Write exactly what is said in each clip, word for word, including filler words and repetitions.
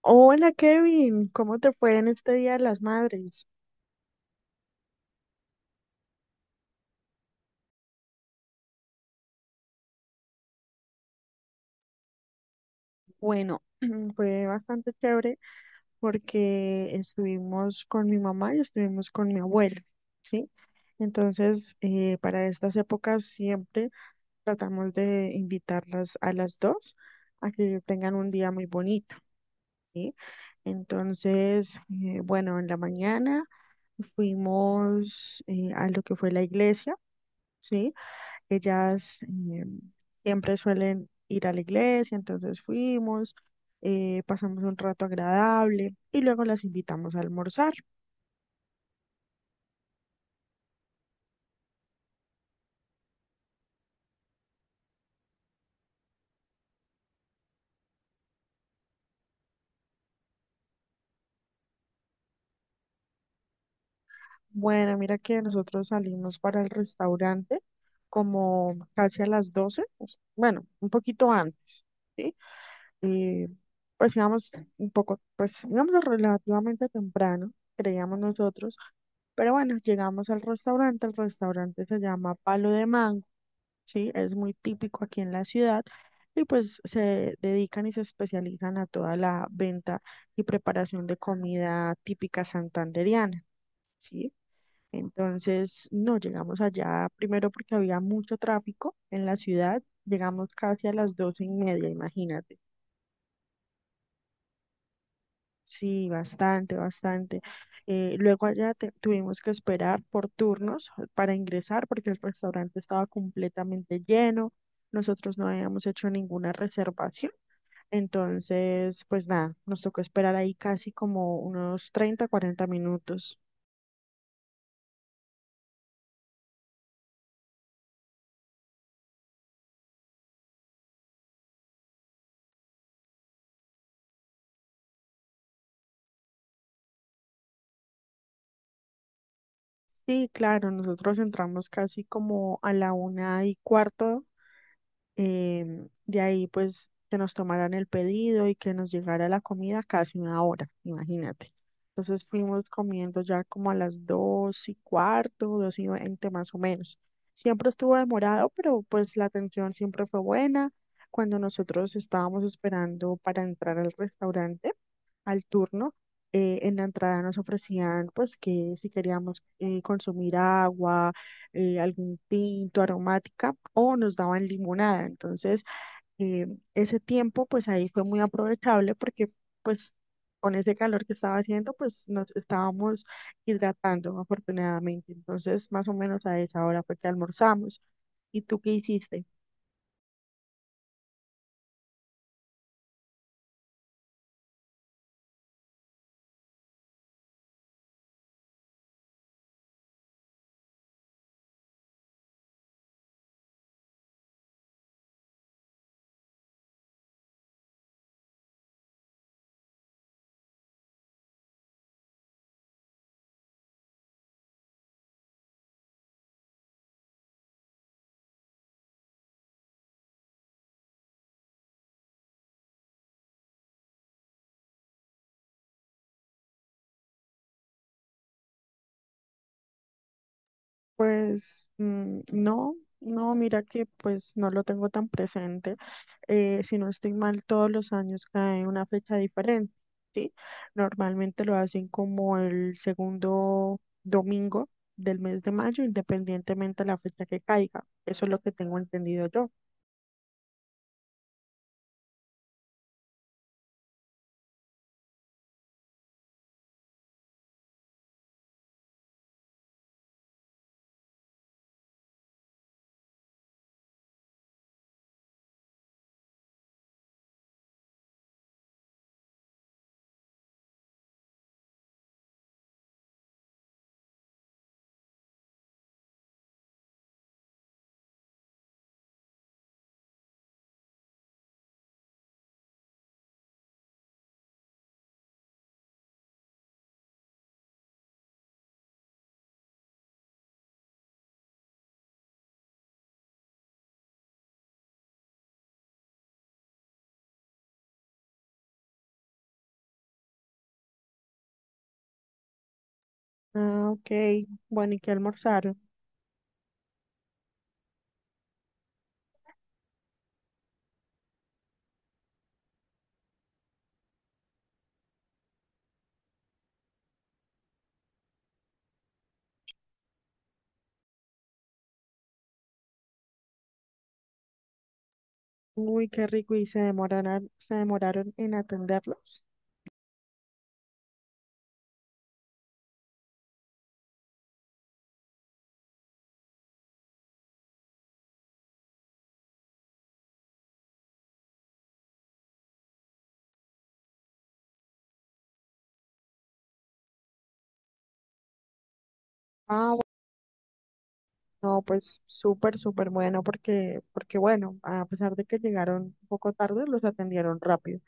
Hola Kevin, ¿cómo te fue en este Día de las Madres? Bueno, fue bastante chévere porque estuvimos con mi mamá y estuvimos con mi abuelo, ¿sí? Entonces, eh, para estas épocas siempre tratamos de invitarlas a las dos a que tengan un día muy bonito, ¿sí? Entonces, eh, bueno, en la mañana fuimos eh, a lo que fue la iglesia. ¿Sí? Ellas eh, siempre suelen ir a la iglesia, entonces fuimos, eh, pasamos un rato agradable y luego las invitamos a almorzar. Bueno, mira que nosotros salimos para el restaurante como casi a las doce, pues bueno, un poquito antes, ¿sí? Eh, pues íbamos un poco, pues íbamos relativamente temprano, creíamos nosotros, pero bueno, llegamos al restaurante. El restaurante se llama Palo de Mango. Sí, es muy típico aquí en la ciudad y pues se dedican y se especializan a toda la venta y preparación de comida típica santandereana, ¿sí? Entonces, no, llegamos allá primero porque había mucho tráfico en la ciudad, llegamos casi a las doce y media, imagínate. Sí, bastante, bastante. Eh, luego allá te- tuvimos que esperar por turnos para ingresar porque el restaurante estaba completamente lleno. Nosotros no habíamos hecho ninguna reservación. Entonces, pues nada, nos tocó esperar ahí casi como unos treinta cuarenta minutos. Sí, claro, nosotros entramos casi como a la una y cuarto. Em, de ahí, pues, que nos tomaran el pedido y que nos llegara la comida casi una hora, imagínate. Entonces fuimos comiendo ya como a las dos y cuarto, dos y veinte, más o menos. Siempre estuvo demorado, pero pues la atención siempre fue buena. Cuando nosotros estábamos esperando para entrar al restaurante, al turno, eh, en la entrada nos ofrecían pues que si queríamos eh, consumir agua, eh, algún tinto, aromática o nos daban limonada. Entonces, eh, ese tiempo pues ahí fue muy aprovechable porque pues con ese calor que estaba haciendo pues nos estábamos hidratando afortunadamente. Entonces, más o menos a esa hora fue que almorzamos. ¿Y tú qué hiciste? Pues mm, no, no, mira que pues no lo tengo tan presente. Eh, si no estoy mal, todos los años cae una fecha diferente, ¿sí? Normalmente lo hacen como el segundo domingo del mes de mayo, independientemente de la fecha que caiga. Eso es lo que tengo entendido yo. Ah, ok. Bueno, ¿y qué almorzaron? Uy, qué rico. ¿Y se demoraron, se demoraron en atenderlos? Ah. No, pues súper, súper bueno porque, porque bueno, a pesar de que llegaron un poco tarde, los atendieron rápido.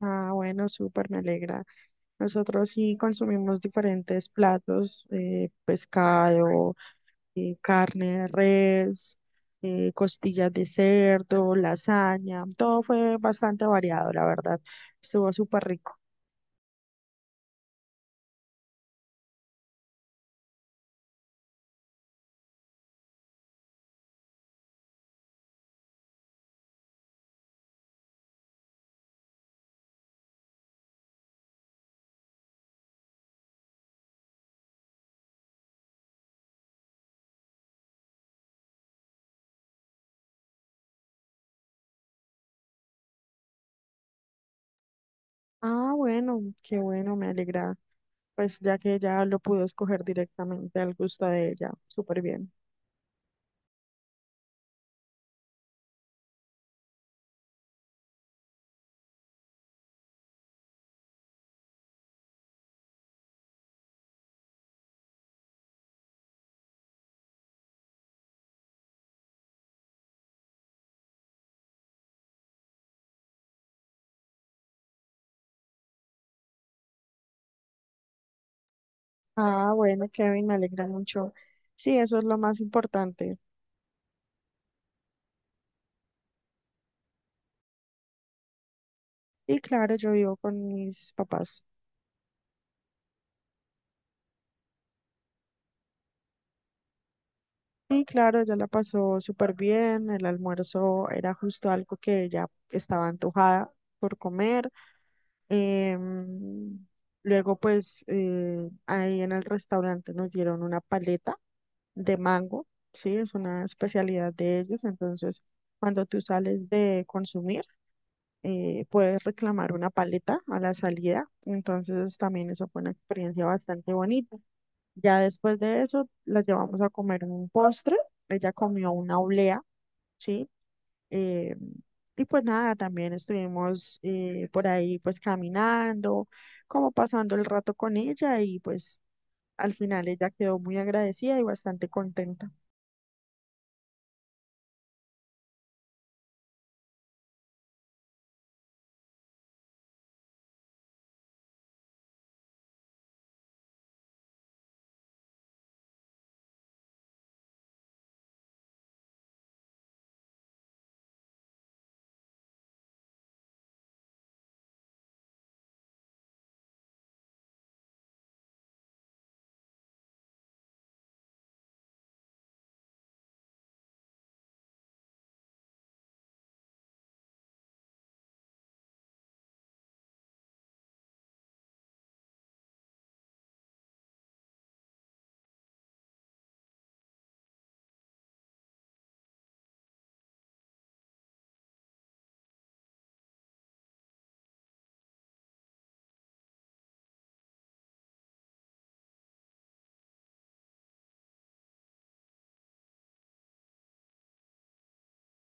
Ah, bueno, súper, me alegra. Nosotros sí consumimos diferentes platos, eh, pescado, eh, carne de res, eh, costillas de cerdo, lasaña, todo fue bastante variado, la verdad. Estuvo súper rico. Ah, bueno, qué bueno, me alegra. Pues ya que ya lo pudo escoger directamente al gusto de ella, súper bien. Ah, bueno, Kevin, me alegra mucho. Sí, eso es lo más importante. Y claro, yo vivo con mis papás. Y claro, ella la pasó súper bien. El almuerzo era justo algo que ella estaba antojada por comer. Em, luego, pues, eh, ahí en el restaurante nos dieron una paleta de mango, ¿sí? Es una especialidad de ellos. Entonces, cuando tú sales de consumir, eh, puedes reclamar una paleta a la salida, entonces también eso fue una experiencia bastante bonita. Ya después de eso, la llevamos a comer un postre, ella comió una oblea, ¿sí? Eh, y pues nada, también estuvimos eh, por ahí pues caminando, como pasando el rato con ella y pues al final ella quedó muy agradecida y bastante contenta.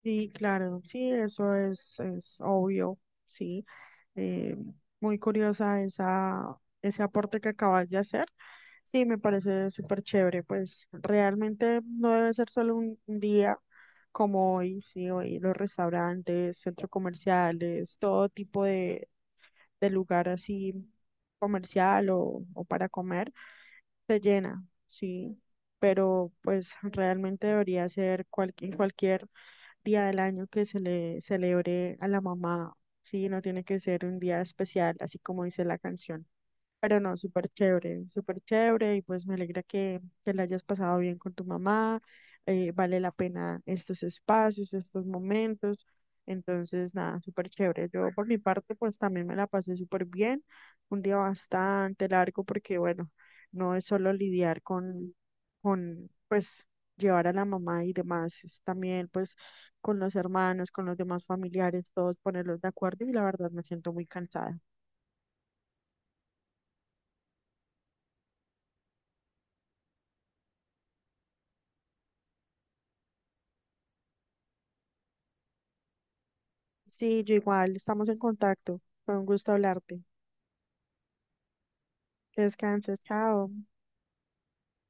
Sí, claro, sí, eso es, es obvio, sí. Eh, muy curiosa esa, ese aporte que acabas de hacer. Sí, me parece súper chévere, pues realmente no debe ser solo un, un día como hoy, sí, hoy los restaurantes, centros comerciales, todo tipo de, de lugar así comercial o, o para comer, se llena, sí, pero pues realmente debería ser cual- en cualquier día del año que se le celebre a la mamá, sí, no tiene que ser un día especial, así como dice la canción. Pero no, súper chévere, súper chévere, y pues me alegra que te la hayas pasado bien con tu mamá. Eh, vale la pena estos espacios, estos momentos. Entonces, nada, súper chévere. Yo por mi parte, pues también me la pasé súper bien. Un día bastante largo porque, bueno, no es solo lidiar con, con, pues, llevar a la mamá y demás, es también, pues, con los hermanos, con los demás familiares, todos ponerlos de acuerdo y la verdad me siento muy cansada. Sí, yo igual, estamos en contacto. Fue un gusto hablarte. Que descanses, chao.